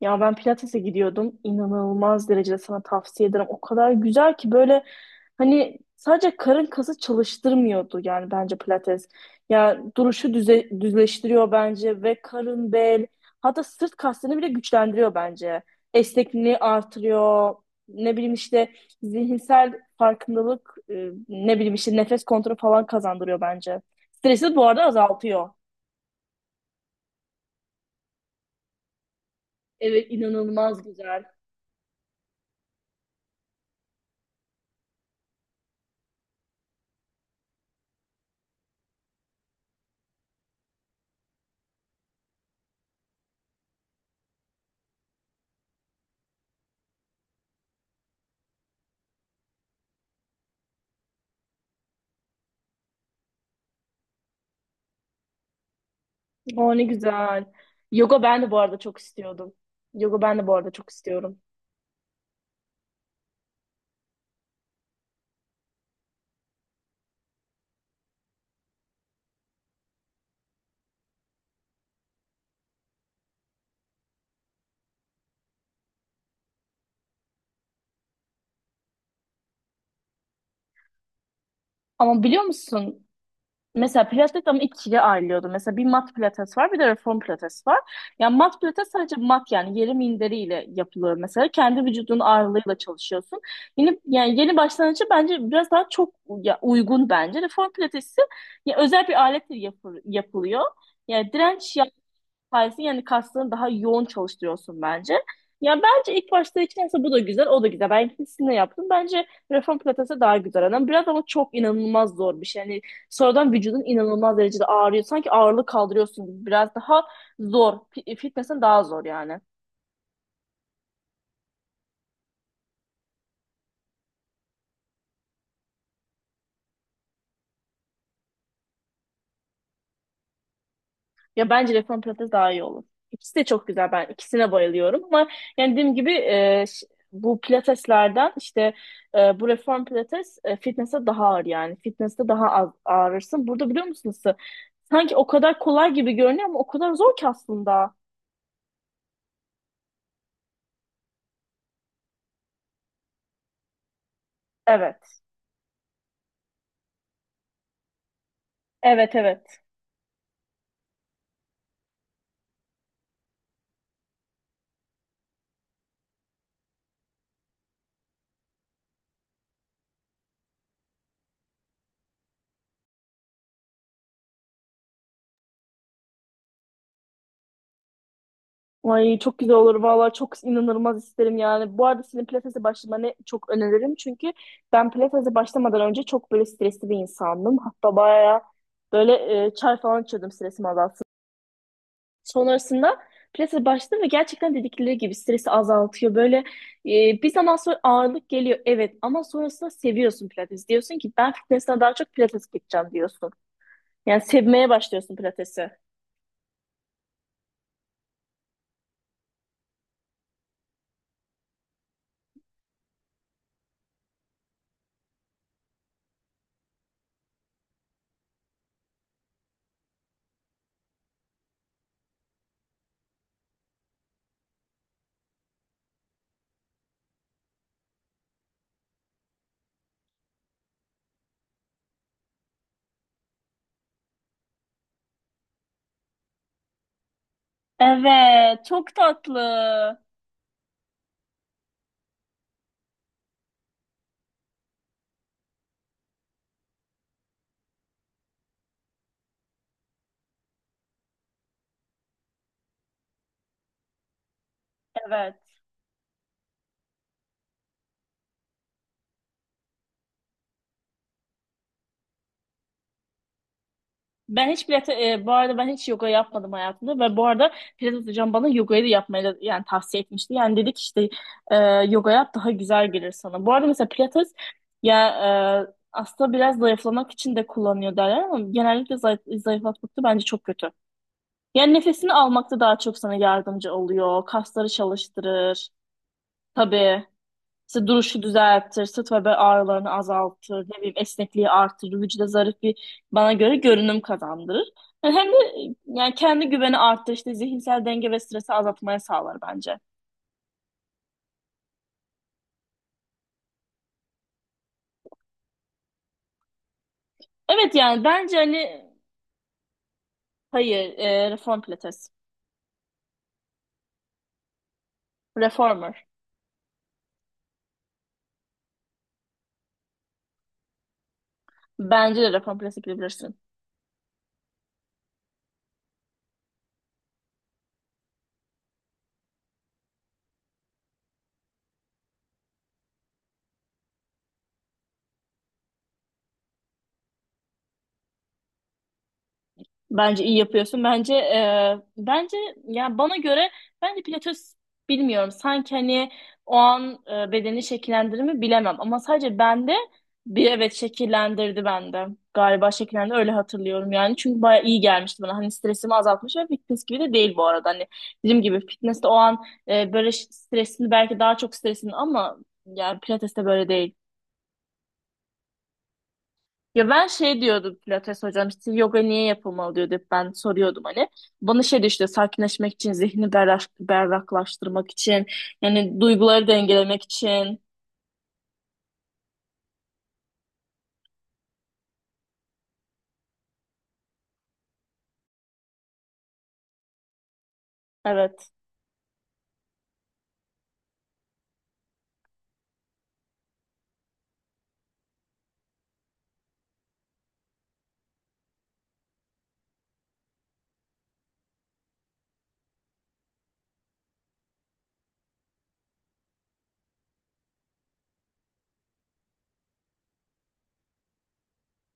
Ya ben pilatese gidiyordum. İnanılmaz derecede sana tavsiye ederim. O kadar güzel ki böyle hani sadece karın kası çalıştırmıyordu yani bence pilates. Ya duruşu düzleştiriyor bence ve karın, bel hatta sırt kaslarını bile güçlendiriyor bence. Esnekliğini artırıyor. Ne bileyim işte zihinsel farkındalık, ne bileyim işte nefes kontrolü falan kazandırıyor bence. Stresi bu arada azaltıyor. Evet, inanılmaz güzel. O ne güzel. Yoga ben de bu arada çok istiyordum. Yoga ben de bu arada çok istiyorum. Ama biliyor musun? Mesela pilates ama ikiye ayrılıyordu. Mesela bir mat pilates var, bir de reform pilates var. Yani mat pilates sadece mat yani yeri minderiyle yapılıyor mesela. Kendi vücudunun ağırlığıyla çalışıyorsun. Yani yeni başlangıcı bence biraz daha çok ya, uygun bence. Reform pilatesi ya, özel bir aletle yapılıyor. Yani direnç sayesinde yani kaslarını daha yoğun çalıştırıyorsun bence. Ya bence ilk başta için aslında bu da güzel, o da güzel. Ben ikisini de yaptım. Bence reform pilatesi daha güzel. Yani biraz ama çok inanılmaz zor bir şey. Yani sonradan vücudun inanılmaz derecede ağrıyor. Sanki ağırlık kaldırıyorsun gibi. Biraz daha zor. Fitness'in daha zor yani. Ya bence reform pilates daha iyi olur. İkisi de çok güzel. Ben ikisine bayılıyorum ama yani dediğim gibi bu pilateslerden işte bu reform pilates fitness'e daha ağır yani. Fitness'te daha az ağrırsın. Burada biliyor musunuz? Sanki o kadar kolay gibi görünüyor ama o kadar zor ki aslında. Evet. Evet, evet. Ay çok güzel olur vallahi, çok inanılmaz isterim yani. Bu arada senin pilatese başlamanı çok öneririm. Çünkü ben pilatese başlamadan önce çok böyle stresli bir insandım. Hatta bayağı böyle çay falan içiyordum stresimi azaltsın. Sonrasında pilatese başladım ve gerçekten dedikleri gibi stresi azaltıyor. Böyle bir zaman sonra ağırlık geliyor, evet, ama sonrasında seviyorsun pilates. Diyorsun ki ben fitness'ten daha çok pilates gideceğim diyorsun. Yani sevmeye başlıyorsun pilatesi. Evet, çok tatlı. Evet. Ben hiç pilates, bu arada ben hiç yoga yapmadım hayatımda ve bu arada pilates hocam bana yogayı da yani tavsiye etmişti. Yani dedik işte e, yoga yap daha güzel gelir sana. Bu arada mesela pilates ya aslında biraz zayıflamak için de kullanıyor derler ama genellikle zayıflatmakta bence çok kötü. Yani nefesini almakta daha çok sana yardımcı oluyor. Kasları çalıştırır. Tabii. İşte duruşu düzeltir, sırt ve bel ağrılarını azaltır, ne bileyim esnekliği artırır, vücuda zarif bir bana göre görünüm kazandırır. Yani hem de yani kendi güveni arttırır, işte zihinsel denge ve stresi azaltmaya sağlar bence. Evet yani bence hani hayır, reform pilates. Reformer. Bence de reform pilates gidebilirsin. Bence iyi yapıyorsun. Bence ya bana göre bence pilates bilmiyorum. Sanki hani o an bedeni şekillendirir mi bilemem ama sadece bende bir, evet, şekillendirdi bende. Galiba şekillendi, öyle hatırlıyorum yani. Çünkü baya iyi gelmişti bana. Hani stresimi azaltmış ve fitness gibi de değil bu arada. Hani dediğim gibi fitness de o an böyle stresini, belki daha çok stresini, ama yani pilates de böyle değil. Ya ben şey diyordum pilates hocam, işte yoga niye yapılmalı diyordu, hep ben soruyordum hani. Bana şey diyor işte sakinleşmek için, zihni berraklaştırmak için, yani duyguları dengelemek için. Evet,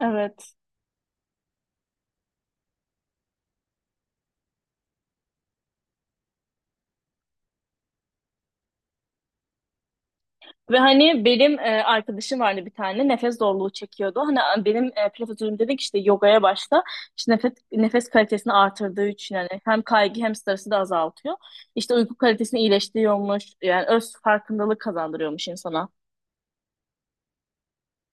evet. Ve hani benim arkadaşım vardı bir tane, nefes zorluğu çekiyordu. Hani benim pilates hocam dedi ki işte yogaya başla. İşte nefes kalitesini artırdığı için yani hem kaygı hem stresi de azaltıyor. İşte uyku kalitesini iyileştiriyormuş. Yani öz farkındalık kazandırıyormuş insana.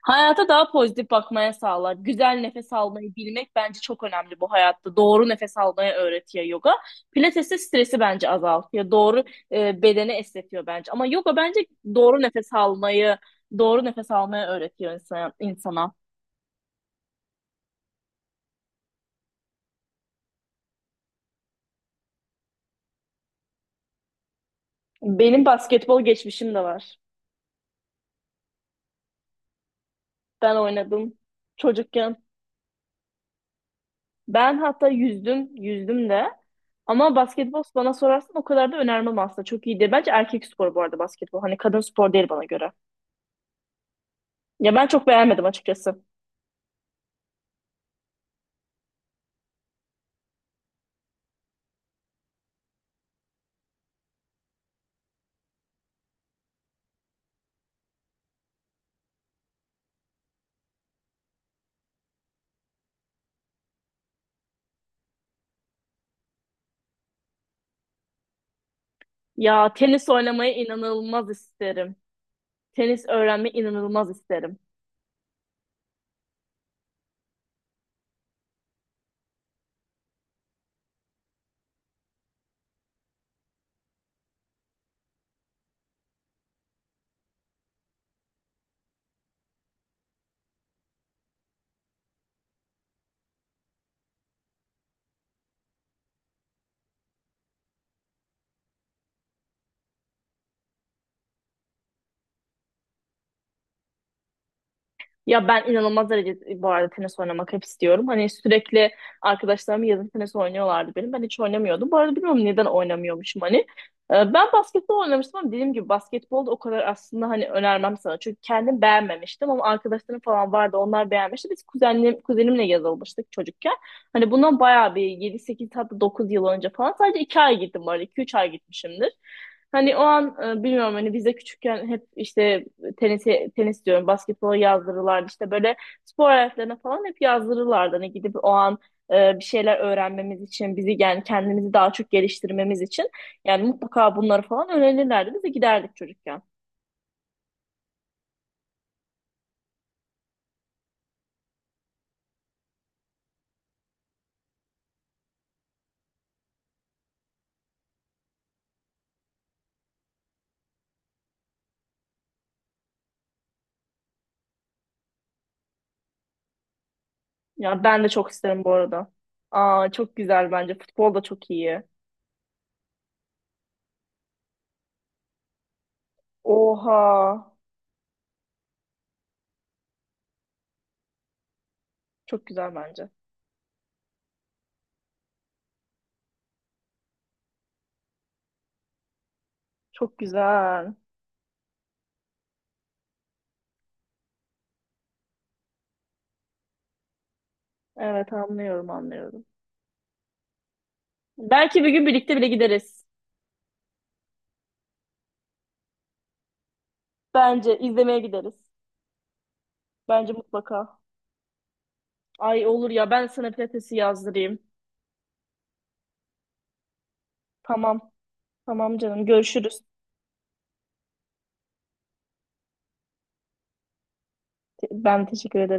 Hayata daha pozitif bakmaya sağlar. Güzel nefes almayı bilmek bence çok önemli bu hayatta. Doğru nefes almayı öğretiyor yoga. Pilates de stresi bence azaltıyor. Doğru bedeni esnetiyor bence. Ama yoga bence doğru nefes almayı, doğru nefes almayı öğretiyor insana. Benim basketbol geçmişim de var. Ben oynadım çocukken. Ben hatta yüzdüm de. Ama basketbol bana sorarsan o kadar da önermem aslında. Çok iyi değil. Bence erkek sporu bu arada basketbol. Hani kadın spor değil bana göre. Ya ben çok beğenmedim açıkçası. Ya tenis oynamayı inanılmaz isterim. Tenis öğrenmeyi inanılmaz isterim. Ya ben inanılmaz derecede bu arada tenis oynamak hep istiyorum. Hani sürekli arkadaşlarım yazın tenis oynuyorlardı benim. Ben hiç oynamıyordum. Bu arada bilmiyorum neden oynamıyormuşum hani. Ben basketbol oynamıştım ama dediğim gibi basketbol da o kadar aslında hani önermem sana. Çünkü kendim beğenmemiştim ama arkadaşlarım falan vardı, onlar beğenmişti. Biz kuzenimle yazılmıştık çocukken. Hani bundan bayağı bir 7 8 hatta 9 yıl önce falan, sadece 2 ay gittim bu arada, 2-3 ay gitmişimdir. Hani o an bilmiyorum, hani biz de küçükken hep işte tenisi, tenis diyorum, basketbola yazdırırlardı, işte böyle spor hayatlarına falan hep yazdırırlardı. Hani gidip o an bir şeyler öğrenmemiz için bizi, yani kendimizi daha çok geliştirmemiz için yani, mutlaka bunları falan öğrenirlerdi. Biz de giderdik çocukken. Ya ben de çok isterim bu arada. Aa, çok güzel bence. Futbol da çok iyi. Oha. Çok güzel bence. Çok güzel. Evet, anlıyorum, anlıyorum. Belki bir gün birlikte bile gideriz. Bence izlemeye gideriz. Bence mutlaka. Ay olur ya, ben sana pilatesi yazdırayım. Tamam. Tamam canım, görüşürüz. Ben teşekkür ederim.